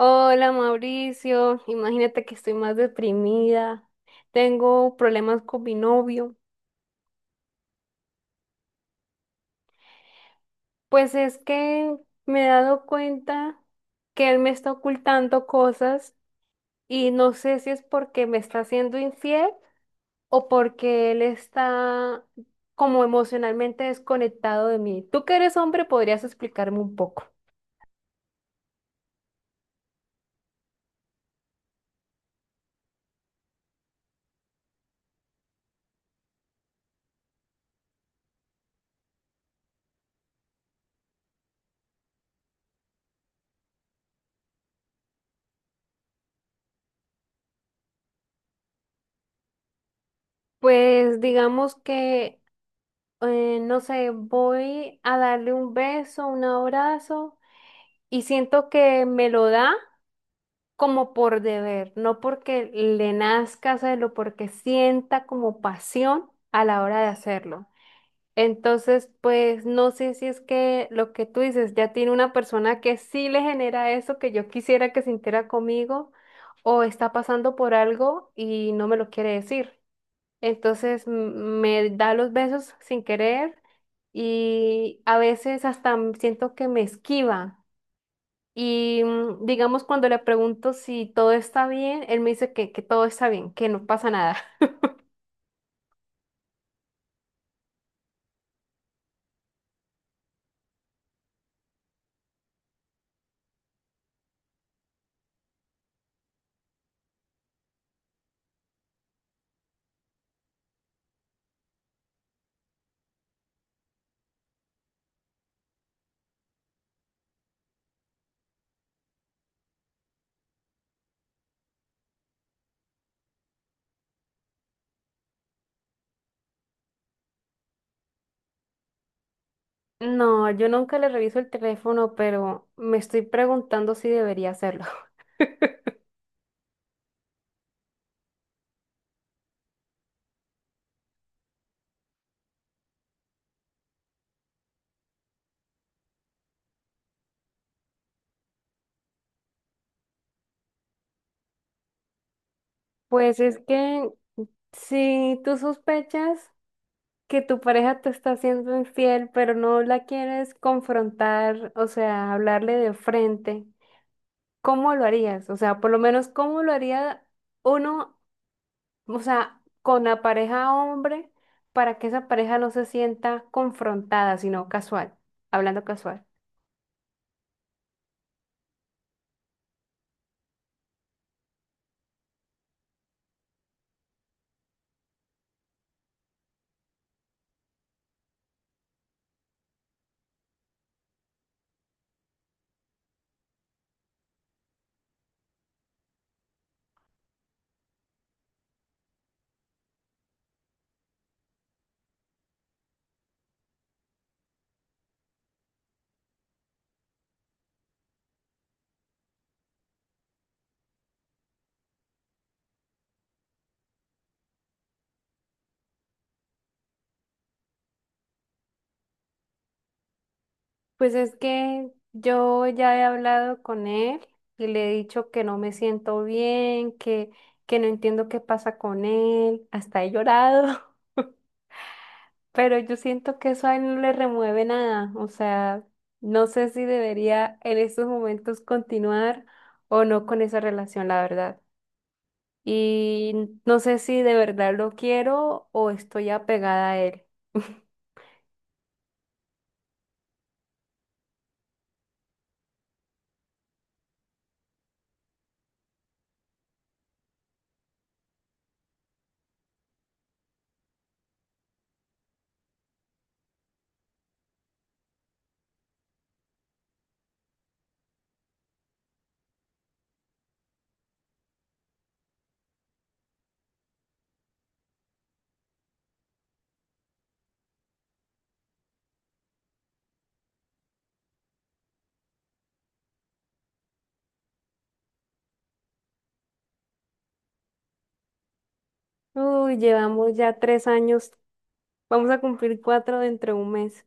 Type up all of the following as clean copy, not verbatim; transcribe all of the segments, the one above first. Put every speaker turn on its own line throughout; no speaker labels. Hola Mauricio, imagínate que estoy más deprimida, tengo problemas con mi novio, pues es que me he dado cuenta que él me está ocultando cosas y no sé si es porque me está siendo infiel o porque él está como emocionalmente desconectado de mí. Tú que eres hombre, podrías explicarme un poco. Pues digamos que, no sé, voy a darle un beso, un abrazo. Y siento que me lo da como por deber, no porque le nazca hacerlo, porque sienta como pasión a la hora de hacerlo. Entonces, pues no sé si es que lo que tú dices ya tiene una persona que sí le genera eso que yo quisiera que sintiera conmigo o está pasando por algo y no me lo quiere decir. Entonces me da los besos sin querer y a veces hasta siento que me esquiva. Y digamos, cuando le pregunto si todo está bien, él me dice que todo está bien, que no pasa nada. No, yo nunca le reviso el teléfono, pero me estoy preguntando si debería hacerlo. Pues es que si tú sospechas que tu pareja te está siendo infiel, pero no la quieres confrontar, o sea, hablarle de frente, ¿cómo lo harías? O sea, por lo menos, ¿cómo lo haría uno? O sea, con la pareja hombre, para que esa pareja no se sienta confrontada, sino casual, hablando casual. Pues es que yo ya he hablado con él y le he dicho que no me siento bien, que no entiendo qué pasa con él, hasta he llorado, pero yo siento que eso a él no le remueve nada. O sea, no sé si debería en estos momentos continuar o no con esa relación, la verdad. Y no sé si de verdad lo quiero o estoy apegada a él. Uy, llevamos ya 3 años, vamos a cumplir 4 dentro de un mes.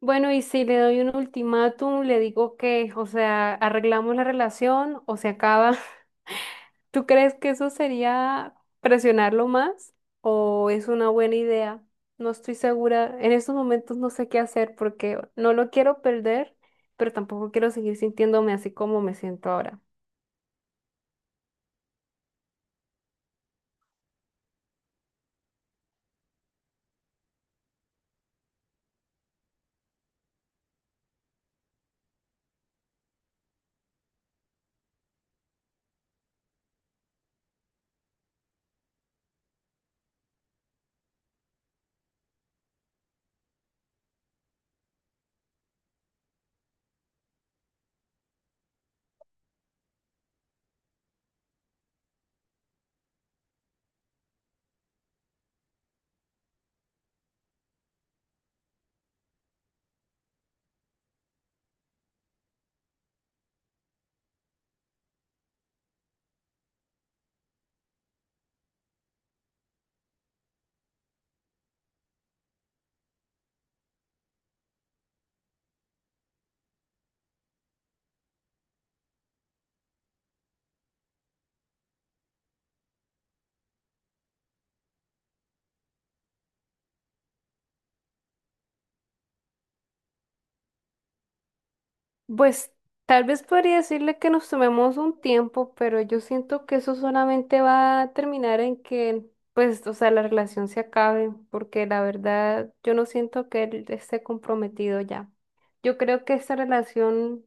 Bueno, y si le doy un ultimátum, le digo que, o sea, arreglamos la relación o se acaba. ¿Tú crees que eso sería presionarlo más o es una buena idea? No estoy segura. En estos momentos no sé qué hacer porque no lo quiero perder, pero tampoco quiero seguir sintiéndome así como me siento ahora. Pues tal vez podría decirle que nos tomemos un tiempo, pero yo siento que eso solamente va a terminar en que, pues, o sea, la relación se acabe, porque la verdad yo no siento que él esté comprometido ya. Yo creo que esta relación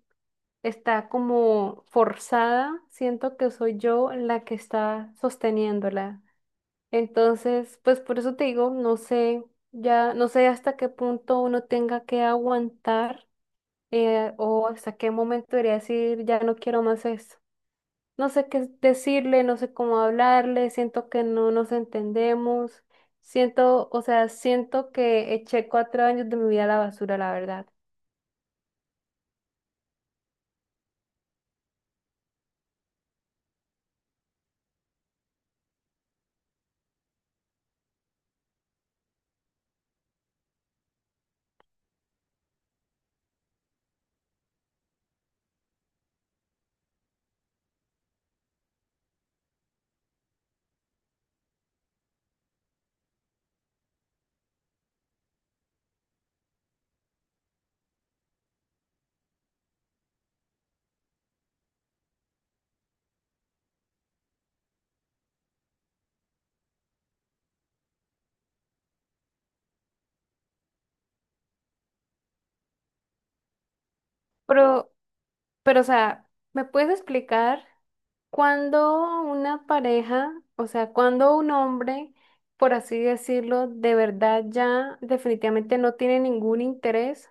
está como forzada, siento que soy yo la que está sosteniéndola. Entonces, pues por eso te digo, no sé, ya no sé hasta qué punto uno tenga que aguantar, o hasta qué momento debería decir, ya no quiero más esto. No sé qué decirle, no sé cómo hablarle, siento que no nos entendemos, siento, o sea, siento que eché 4 años de mi vida a la basura, la verdad. Pero, pero, o sea, ¿me puedes explicar cuándo una pareja, o sea, cuándo un hombre, por así decirlo, de verdad ya definitivamente no tiene ningún interés?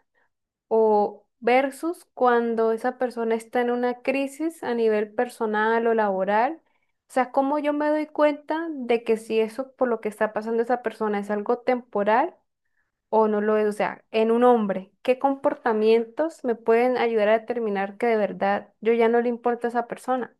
¿O versus cuando esa persona está en una crisis a nivel personal o laboral? O sea, cómo yo me doy cuenta de que si eso por lo que está pasando esa persona es algo temporal o no lo es. O sea, en un hombre, ¿qué comportamientos me pueden ayudar a determinar que de verdad yo ya no le importa a esa persona?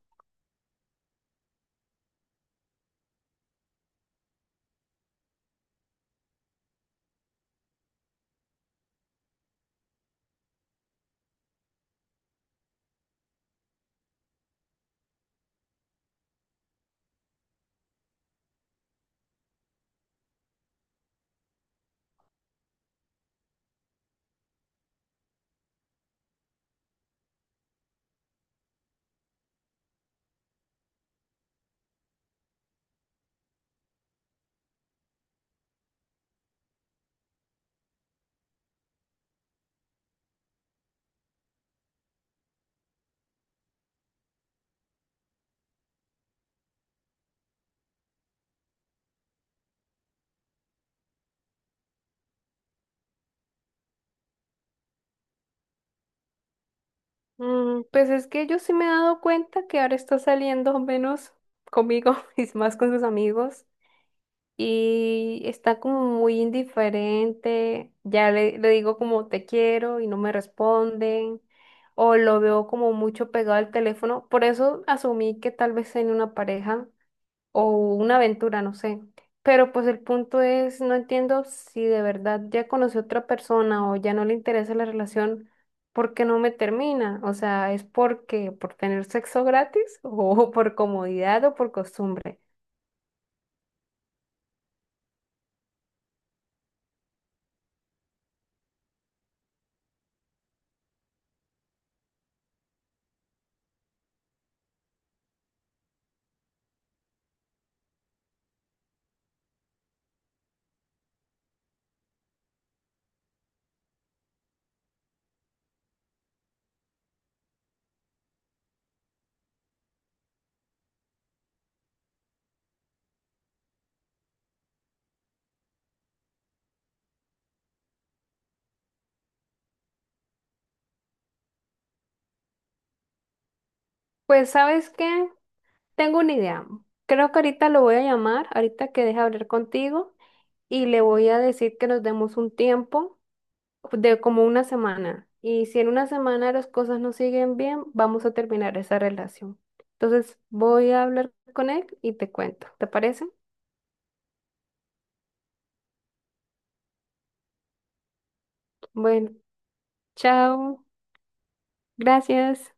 Mm, pues es que yo sí me he dado cuenta que ahora está saliendo menos conmigo y más con sus amigos. Y está como muy indiferente, ya le digo como te quiero y no me responden, o lo veo como mucho pegado al teléfono, por eso asumí que tal vez tenía una pareja o una aventura, no sé. Pero pues el punto es, no entiendo si de verdad ya conocí a otra persona o ya no le interesa la relación, ¿por qué no me termina? O sea, ¿es porque por tener sexo gratis o por comodidad o por costumbre? Pues, ¿sabes qué? Tengo una idea. Creo que ahorita lo voy a llamar, ahorita que deje hablar contigo, y le voy a decir que nos demos un tiempo de como una semana. Y si en una semana las cosas no siguen bien, vamos a terminar esa relación. Entonces voy a hablar con él y te cuento. ¿Te parece? Bueno, chao. Gracias.